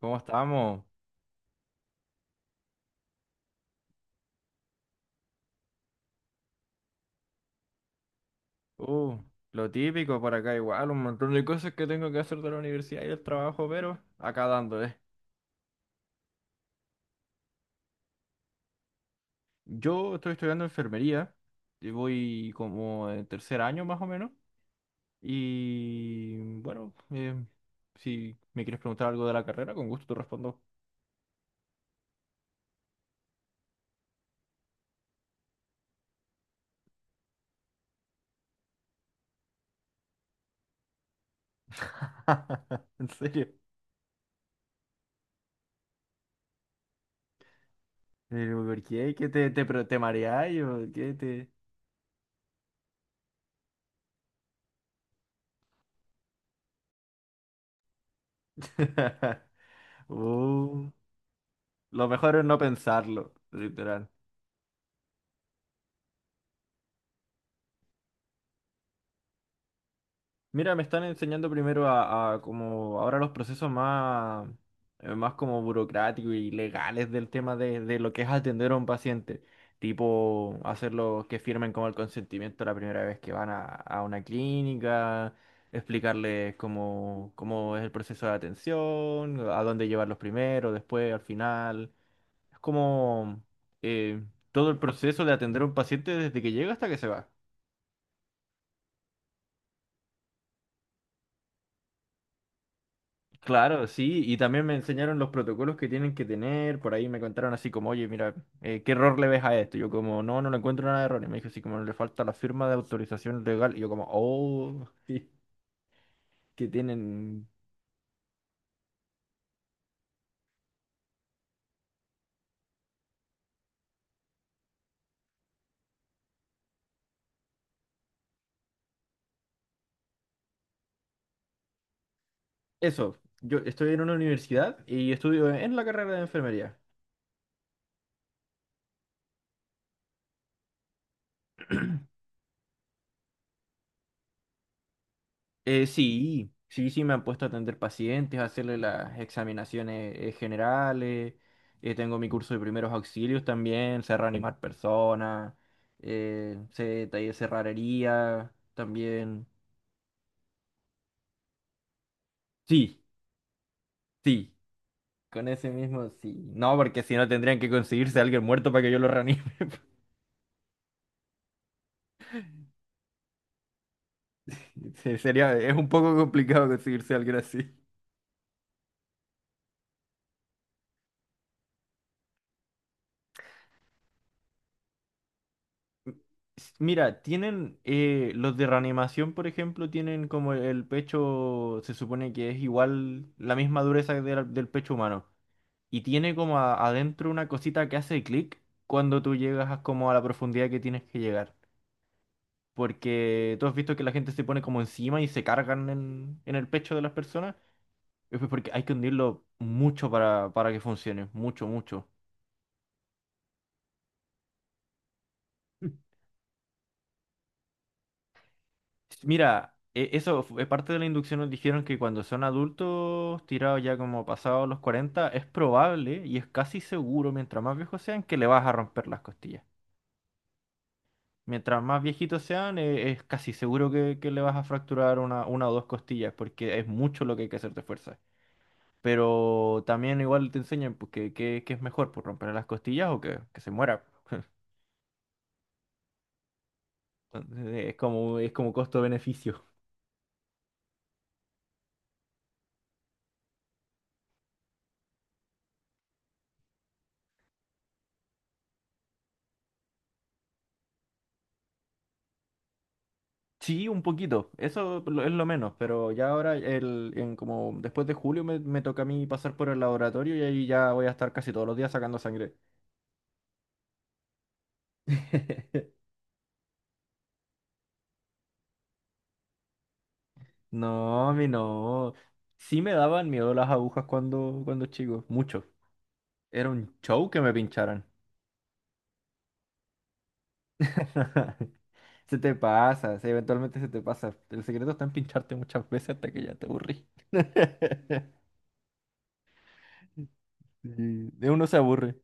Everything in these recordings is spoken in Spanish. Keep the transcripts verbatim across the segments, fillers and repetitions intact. ¿Cómo estamos? Uh, lo típico por acá igual, un montón de cosas que tengo que hacer de la universidad y el trabajo, pero acá dándole. Yo estoy estudiando enfermería, y voy como en tercer año más o menos, y bueno, eh, si me quieres preguntar algo de la carrera, con gusto te respondo. ¿En serio? Pero, ¿por qué? ¿Qué te, te, pre- te mareáis o qué te? Uh, lo mejor es no pensarlo, literal. Mira, me están enseñando primero a, a como ahora los procesos más, eh, más como burocráticos y legales del tema de, de lo que es atender a un paciente. Tipo, hacerlo que firmen como el consentimiento la primera vez que van a, a una clínica, explicarles cómo, cómo es el proceso de atención, a dónde llevarlos primero, después, al final. Es como eh, todo el proceso de atender a un paciente desde que llega hasta que se va. Claro, sí, y también me enseñaron los protocolos que tienen que tener. Por ahí me contaron así como, oye, mira, eh, ¿qué error le ves a esto? Yo como, no, no le encuentro nada de error, y me dijo así como, le falta la firma de autorización legal, y yo como, oh, sí, que tienen eso. Yo estoy en una universidad y estudio en la carrera de enfermería. Eh, sí, sí, sí, me han puesto a atender pacientes, a hacerle las examinaciones eh, generales. Eh, tengo mi curso de primeros auxilios también, sé reanimar personas. Eh, sé taller cerrajería también. Sí, sí, con ese mismo sí. No, porque si no tendrían que conseguirse a alguien muerto para que yo lo reanime. se- Sería, es un poco complicado conseguirse a alguien así. S- Mira, tienen eh, los de reanimación, por ejemplo, tienen como el pecho, se supone que es igual la misma dureza del, del pecho humano. Y tiene como a- adentro una cosita que hace clic cuando tú llegas a- como a la profundidad que tienes que llegar. Porque tú has visto que la gente se pone como encima y se cargan en, en el pecho de las personas. Es pues porque hay que hundirlo mucho para, para que funcione, mucho, mucho. Sí, mira, e- eso es parte de la inducción. Nos dijeron que cuando son adultos, tirados ya como pasados los cuarenta, es probable y es casi seguro, mientras más viejos sean, que le vas a romper las costillas. Mientras más viejitos sean, e- es casi seguro que, que le vas a fracturar una, una o dos costillas, porque es mucho lo que hay que hacer de fuerza. Pero también igual te enseñan pues, que, que- que es mejor pues romper las costillas o que, que se muera. Entonces, es como, es como costo-beneficio. Sí, un poquito, eso lo- es lo menos, pero ya ahora, el, en como después de julio me, me toca a mí pasar por el laboratorio y ahí ya voy a estar casi todos los días sacando sangre. No, a mí no. Sí me daban miedo las agujas cuando, cuando chico, mucho. Era un show que me pincharan. Se te pasa, sí, eventualmente se te pasa. El secreto está en pincharte muchas veces hasta que ya te aburrí. Sí, de uno se aburre.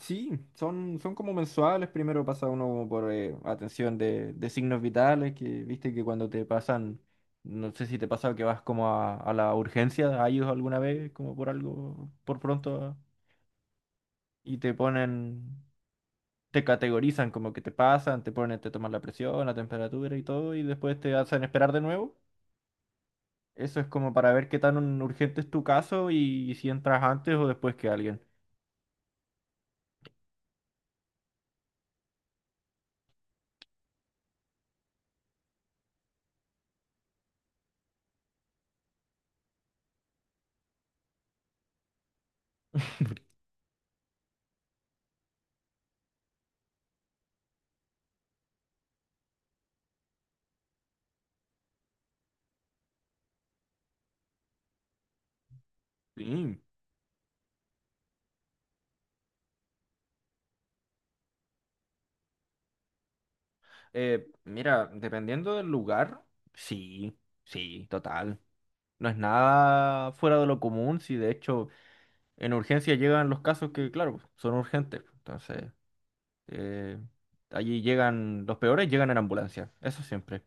Sí, son, son como mensuales. Primero pasa uno como por eh, atención de, de signos vitales, que viste que cuando te pasan, no sé si te pasa que vas como a, a la urgencia, a ellos alguna vez, como por algo, por pronto, y te ponen, te categorizan como que te pasan, te ponen, te toman la presión, la temperatura y todo, y después te hacen esperar de nuevo. Eso es como para ver qué tan urgente es tu caso y si entras antes o después que alguien. Sí. Eh, mira, dependiendo del lugar, sí, sí, total. No es nada fuera de lo común, si de hecho en urgencia llegan los casos que, claro, son urgentes pues. Entonces, eh, allí llegan los peores, llegan en ambulancia. Eso siempre,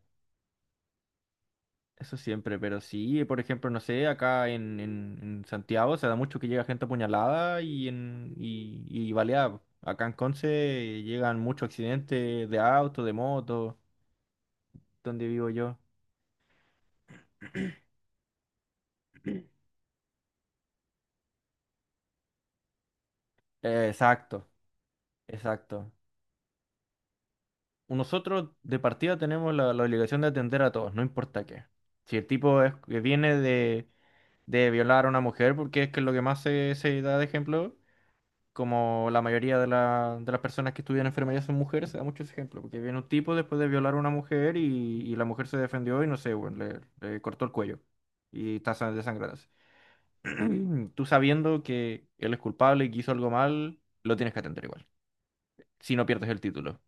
eso siempre. Pero sí, por ejemplo, no sé, acá en, en- en Santiago se da mucho que llega gente apuñalada y, en, y, y baleada pues. Acá en Conce llegan muchos accidentes de auto, de moto, donde vivo yo. Eh, Exacto. Exacto. Nosotros de partida tenemos la, la obligación de atender a todos, no importa qué. Si el tipo es, que viene de, de violar a una mujer, porque es que es lo que más se, se da de ejemplo, como la mayoría de, la- de las personas que estudian enfermería son mujeres, se da mucho ese ejemplo, porque viene un tipo después de violar a una mujer y, y la mujer se defendió y no sé, bueno, le, le cortó el cuello y está sa- desangrándose. Tú sabiendo que él es culpable y que hizo algo mal, lo tienes que atender igual, si no pierdes el título.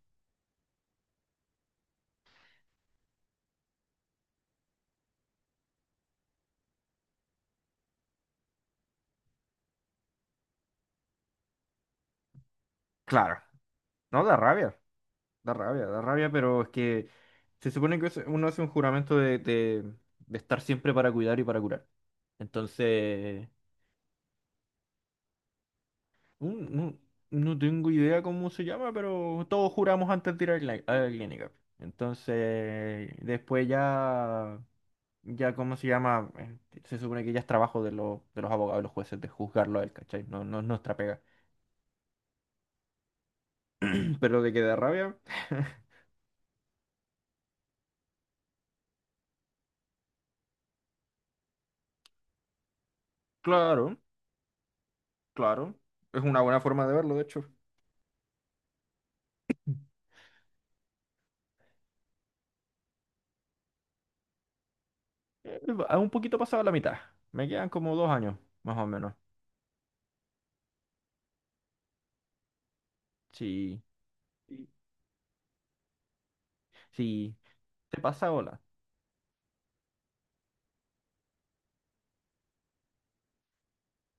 Claro, no da rabia. Da rabia, da rabia, pero es que se supone que eso- uno hace un juramento de, de- de estar siempre para cuidar y para curar. Entonces, un- no, no tengo idea cómo se llama, pero todos juramos antes de ir a la, a la clínica. Entonces, después ya, ya, ¿cómo se llama? Eh, Se supone que ya es trabajo de los, de los abogados y los jueces de juzgarlo a él, ¿cachai? No, no es nuestra pega. Pero de que da rabia, claro, claro. Es una buena forma de verlo, de hecho. Eh, a un poquito pasado la mitad. Me quedan como dos años, más o menos. Sí, sí. Sí. ¿Te pasa, hola?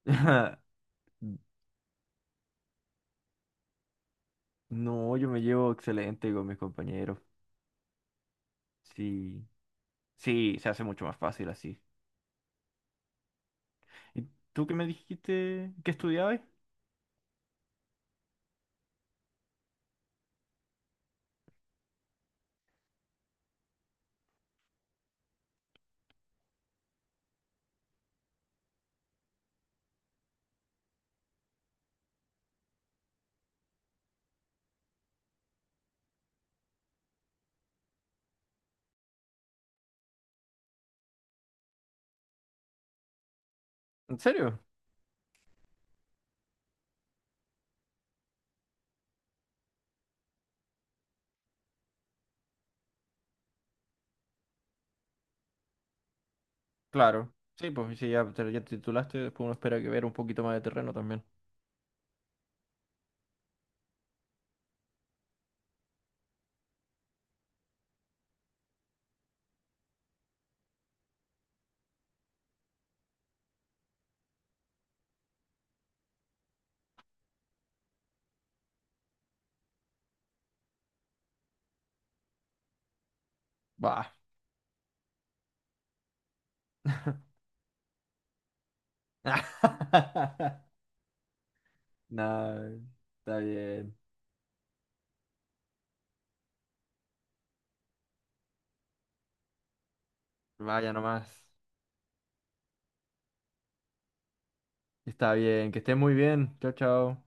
No, yo me llevo excelente con mis compañeros. Sí, sí, se hace mucho más fácil así. ¿Y tú qué me dijiste que estudiabas? ¿En serio? Claro. Sí, pues si ya te, ya te titulaste, después uno espera que ver un poquito más de terreno también. Bah. No, está bien. Vaya nomás. Está bien, que estés muy bien. Chao, chao.